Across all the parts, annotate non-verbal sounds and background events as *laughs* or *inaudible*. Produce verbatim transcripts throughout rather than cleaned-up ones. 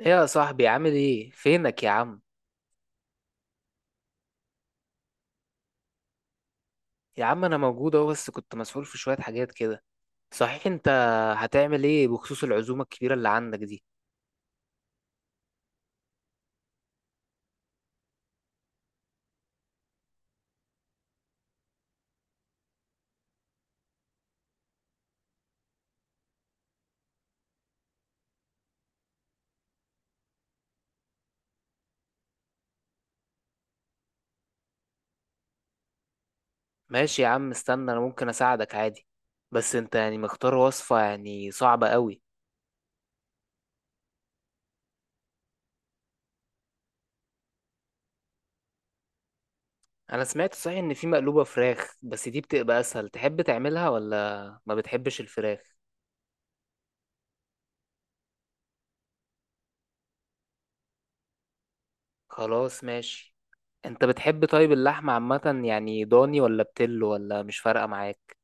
ايه يا صاحبي، عامل ايه؟ فينك يا عم؟ يا عم انا موجود اهو، بس كنت مسؤول في شوية حاجات كده. صحيح انت هتعمل ايه بخصوص العزومة الكبيرة اللي عندك دي؟ ماشي يا عم، استنى، انا ممكن اساعدك عادي. بس انت يعني مختار وصفة يعني صعبة قوي. انا سمعت صحيح ان في مقلوبة فراخ بس دي بتبقى اسهل، تحب تعملها ولا ما بتحبش الفراخ؟ خلاص ماشي. انت بتحب طيب اللحمة عامة يعني ضاني ولا بتلو، ولا مش فارقة معاك؟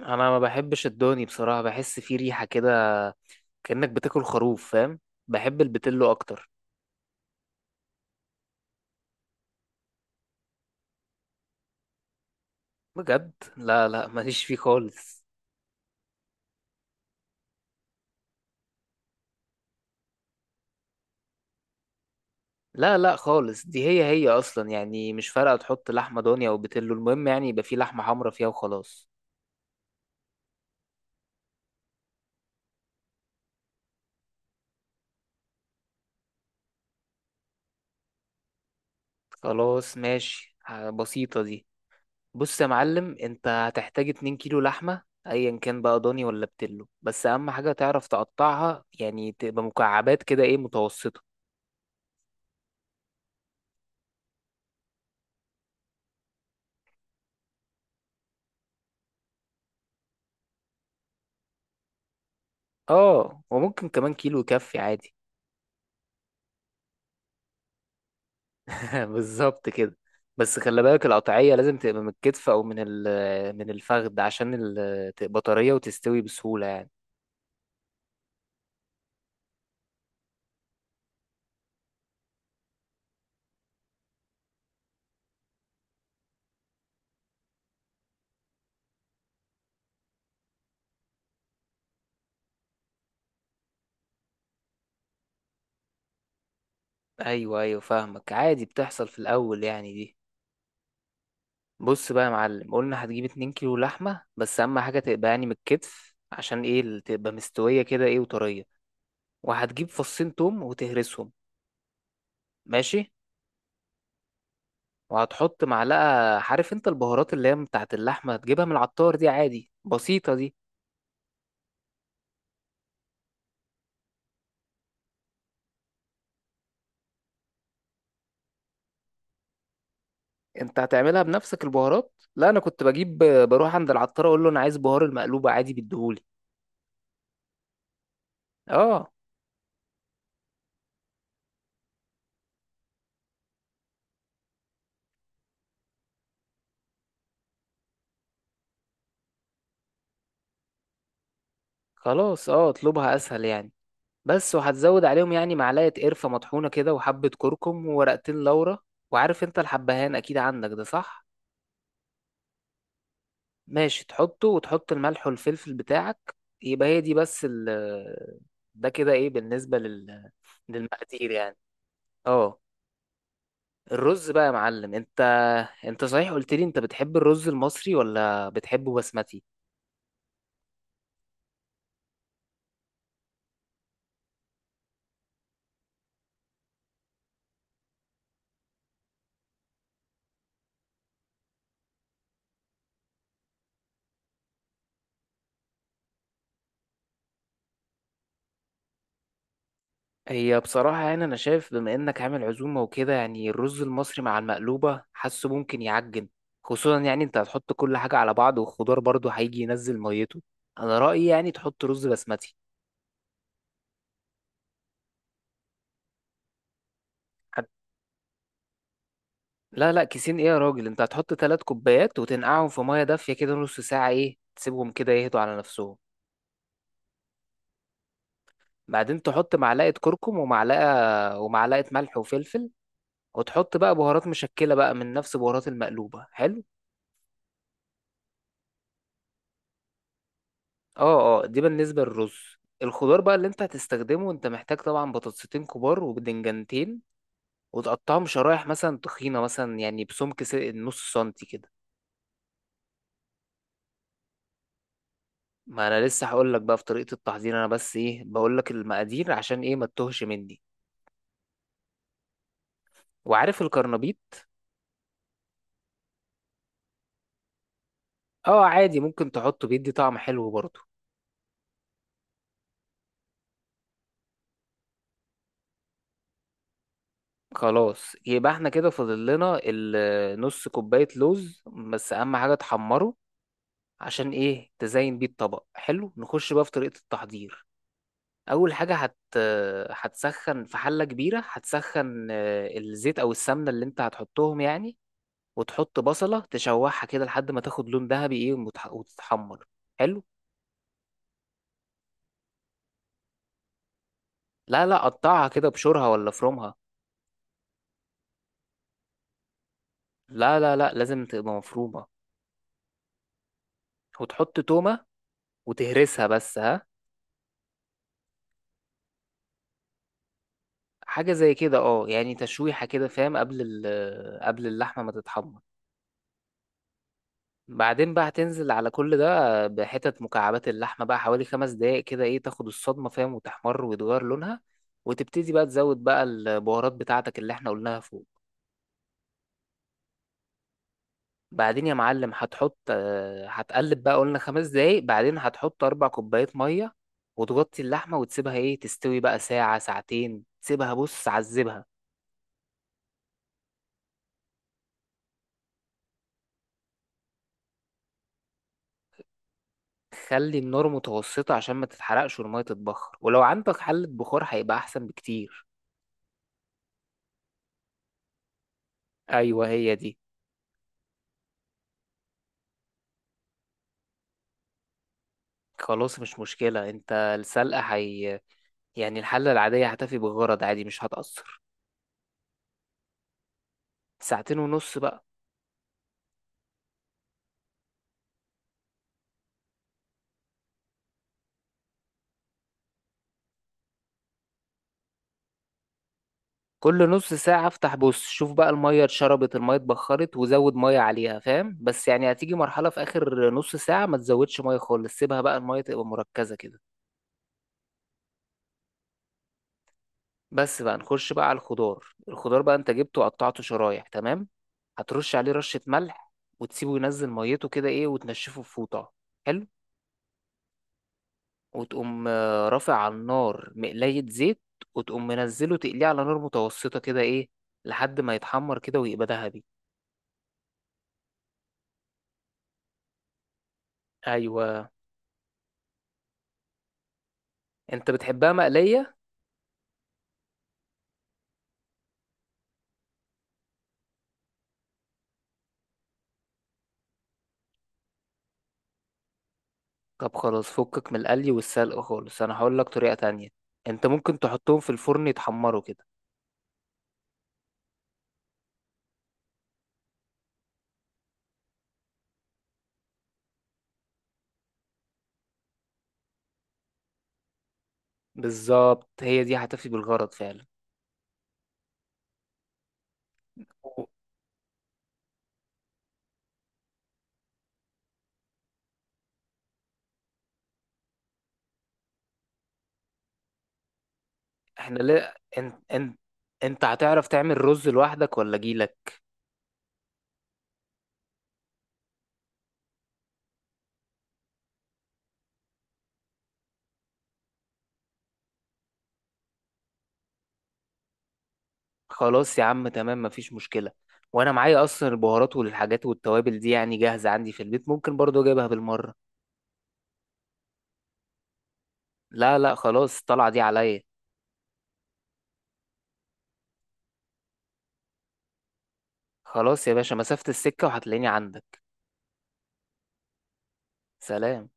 انا ما بحبش الضاني بصراحة، بحس فيه ريحة كده، كأنك بتاكل خروف فاهم. بحب البتلو اكتر بجد. لا لا، ماليش فيه خالص. لا لا خالص، دي هي هي اصلا، يعني مش فارقة تحط لحمة ضاني او بتلو، المهم يعني يبقى فيه لحمة حمرا فيها وخلاص. خلاص ماشي. ه- بسيطة دي. بص يا معلم، انت هتحتاج 2 كيلو لحمة ايا كان بقى ضاني ولا بتلو، بس اهم حاجة تعرف تقطعها، يعني تبقى مكعبات كده ايه متوسطة. اه وممكن كمان كيلو يكفي عادي. *laughs* بالظبط كده. بس خلي بالك القطعية لازم تبقى من الكتف أو من ال- من الفخذ، عشان ال- تبقى طرية وتستوي بسهولة يعني. أيوه أيوه فاهمك عادي، بتحصل في الأول يعني دي. بص بقى يا معلم، قلنا هتجيب 2 كيلو لحمة، بس أهم حاجة تبقى يعني من الكتف، عشان إيه ال- تبقى مستوية كده إيه وطرية. وهتجيب فصين توم وتهرسهم. ماشي. وهتحط معلقة. عارف أنت البهارات اللي هي بتاعت اللحمة؟ هتجيبها من العطار دي عادي، بسيطة دي. انت هتعملها بنفسك البهارات؟ لا انا كنت بجيب، بروح عند العطار اقول له انا عايز بهار المقلوبه، عادي بيديهولي. اه. خلاص، اه اطلبها اسهل يعني. بس وهتزود عليهم يعني معلقه قرفه مطحونه كده، وحبه كركم، وورقتين لورا. وعارف انت الحبهان اكيد عندك ده، صح؟ ماشي، تحطه وتحط الملح والفلفل بتاعك. يبقى هي دي بس ال، ده كده ايه بالنسبه لل... للمقادير يعني. اه. الرز بقى يا معلم، انت انت صحيح قلت لي انت بتحب الرز المصري ولا بتحبه بسمتي؟ هي بصراحة يعني أنا شايف بما إنك عامل عزومة وكده، يعني الرز المصري مع المقلوبة حاسه ممكن يعجن، خصوصا يعني أنت هتحط كل حاجة على بعض، والخضار برضه هيجي ينزل ميته. أنا رأيي يعني تحط رز بسمتي. حت... لا لا، كيسين إيه يا راجل؟ أنت هتحط تلات كوبايات وتنقعهم في مية دافية كده نص ساعة، إيه تسيبهم كده يهدوا على نفسهم. بعدين تحط معلقة كركم، ومعلقة ومعلقة ملح وفلفل، وتحط بقى بهارات مشكلة بقى من نفس بهارات المقلوبة. حلو. اه اه، دي بالنسبة للرز. الخضار بقى اللي انت هتستخدمه، انت محتاج طبعا بطاطستين كبار وبدنجانتين، وتقطعهم شرايح مثلا تخينة، مثلا يعني بسمك س- نص سنتي كده. ما انا لسه هقول لك بقى في طريقة التحضير، انا بس ايه بقول لك المقادير عشان ايه ما تتوهش مني. وعارف الكرنبيط؟ اه، عادي ممكن تحطه، بيدي طعم حلو برضه. خلاص، يبقى احنا كده فاضل لنا ال- نص كوباية لوز، بس اهم حاجة تحمره، عشان ايه تزين بيه الطبق. حلو، نخش بقى في طريقة التحضير. اول حاجه هت هتسخن في حله كبيره، هتسخن آه، الزيت او السمنه اللي انت هتحطهم يعني، وتحط بصله تشوحها كده لحد ما تاخد لون ذهبي ايه ومتح- وتتحمر. حلو. لا لا، قطعها كده بشورها ولا فرومها. لا لا لا، لازم تبقى مفرومه. وتحط تومه وتهرسها بس، ها. حاجه زي كده اه، يعني تشويحه كده فاهم، قبل ال- قبل اللحمه ما تتحمر. بعدين بقى هتنزل على كل ده بحتت مكعبات اللحمة بقى، حوالي خمس دقايق كده ايه، تاخد الصدمة فاهم، وتحمر ويتغير لونها، وتبتدي بقى تزود بقى البهارات بتاعتك اللي احنا قلناها فوق. بعدين يا معلم هتحط، آه، هتقلب بقى، قلنا خمس دقايق، بعدين هتحط أربع كوبايات مية وتغطي اللحمة وتسيبها ايه تستوي بقى ساعة ساعتين، تسيبها بص عذبها. خلي النار متوسطة عشان ما تتحرقش والمية تتبخر، ولو عندك حلة بخار هيبقى أحسن بكتير. أيوة هي دي. خلاص مش مشكلة، انت السلقة هي، يعني الحلة العادية هتفي بالغرض عادي، مش هتأثر. ساعتين ونص بقى. كل نص ساعة افتح بص، شوف بقى المية اتشربت، المية اتبخرت، وزود مية عليها فاهم. بس يعني هتيجي مرحلة في آخر نص ساعة ما تزودش مية خالص، سيبها بقى المية تبقى مركزة كده. بس بقى نخش بقى على الخضار. الخضار بقى انت جبته وقطعته شرايح تمام، هترش عليه رشة ملح. وتسيبه ينزل ميته كده ايه، وتنشفه في فوطة. حلو. وتقوم آه، رافع على النار مقلاية زيت، وتقوم منزله تقليه على نار متوسطة كده ايه، لحد ما يتحمر كده ويبقى ذهبي. ايوه. انت بتحبها مقلية؟ طب خلاص، فكك من القلي والسلق خالص، انا هقول لك طريقة تانية. انت ممكن تحطهم في الفرن يتحمروا كده. بالظبط هي دي هتفي بالغرض فعلا. و- احنا، لا انت، انت انت هتعرف تعمل رز لوحدك ولا جيلك؟ خلاص يا عم تمام، مفيش مشكلة. وانا معايا اصلا البهارات والحاجات والتوابل دي يعني جاهزة عندي في البيت، ممكن برضو اجيبها بالمرة. لا لا خلاص، الطلعة دي عليا. خلاص يا باشا، مسافة السكة وهتلاقيني عندك. سلام.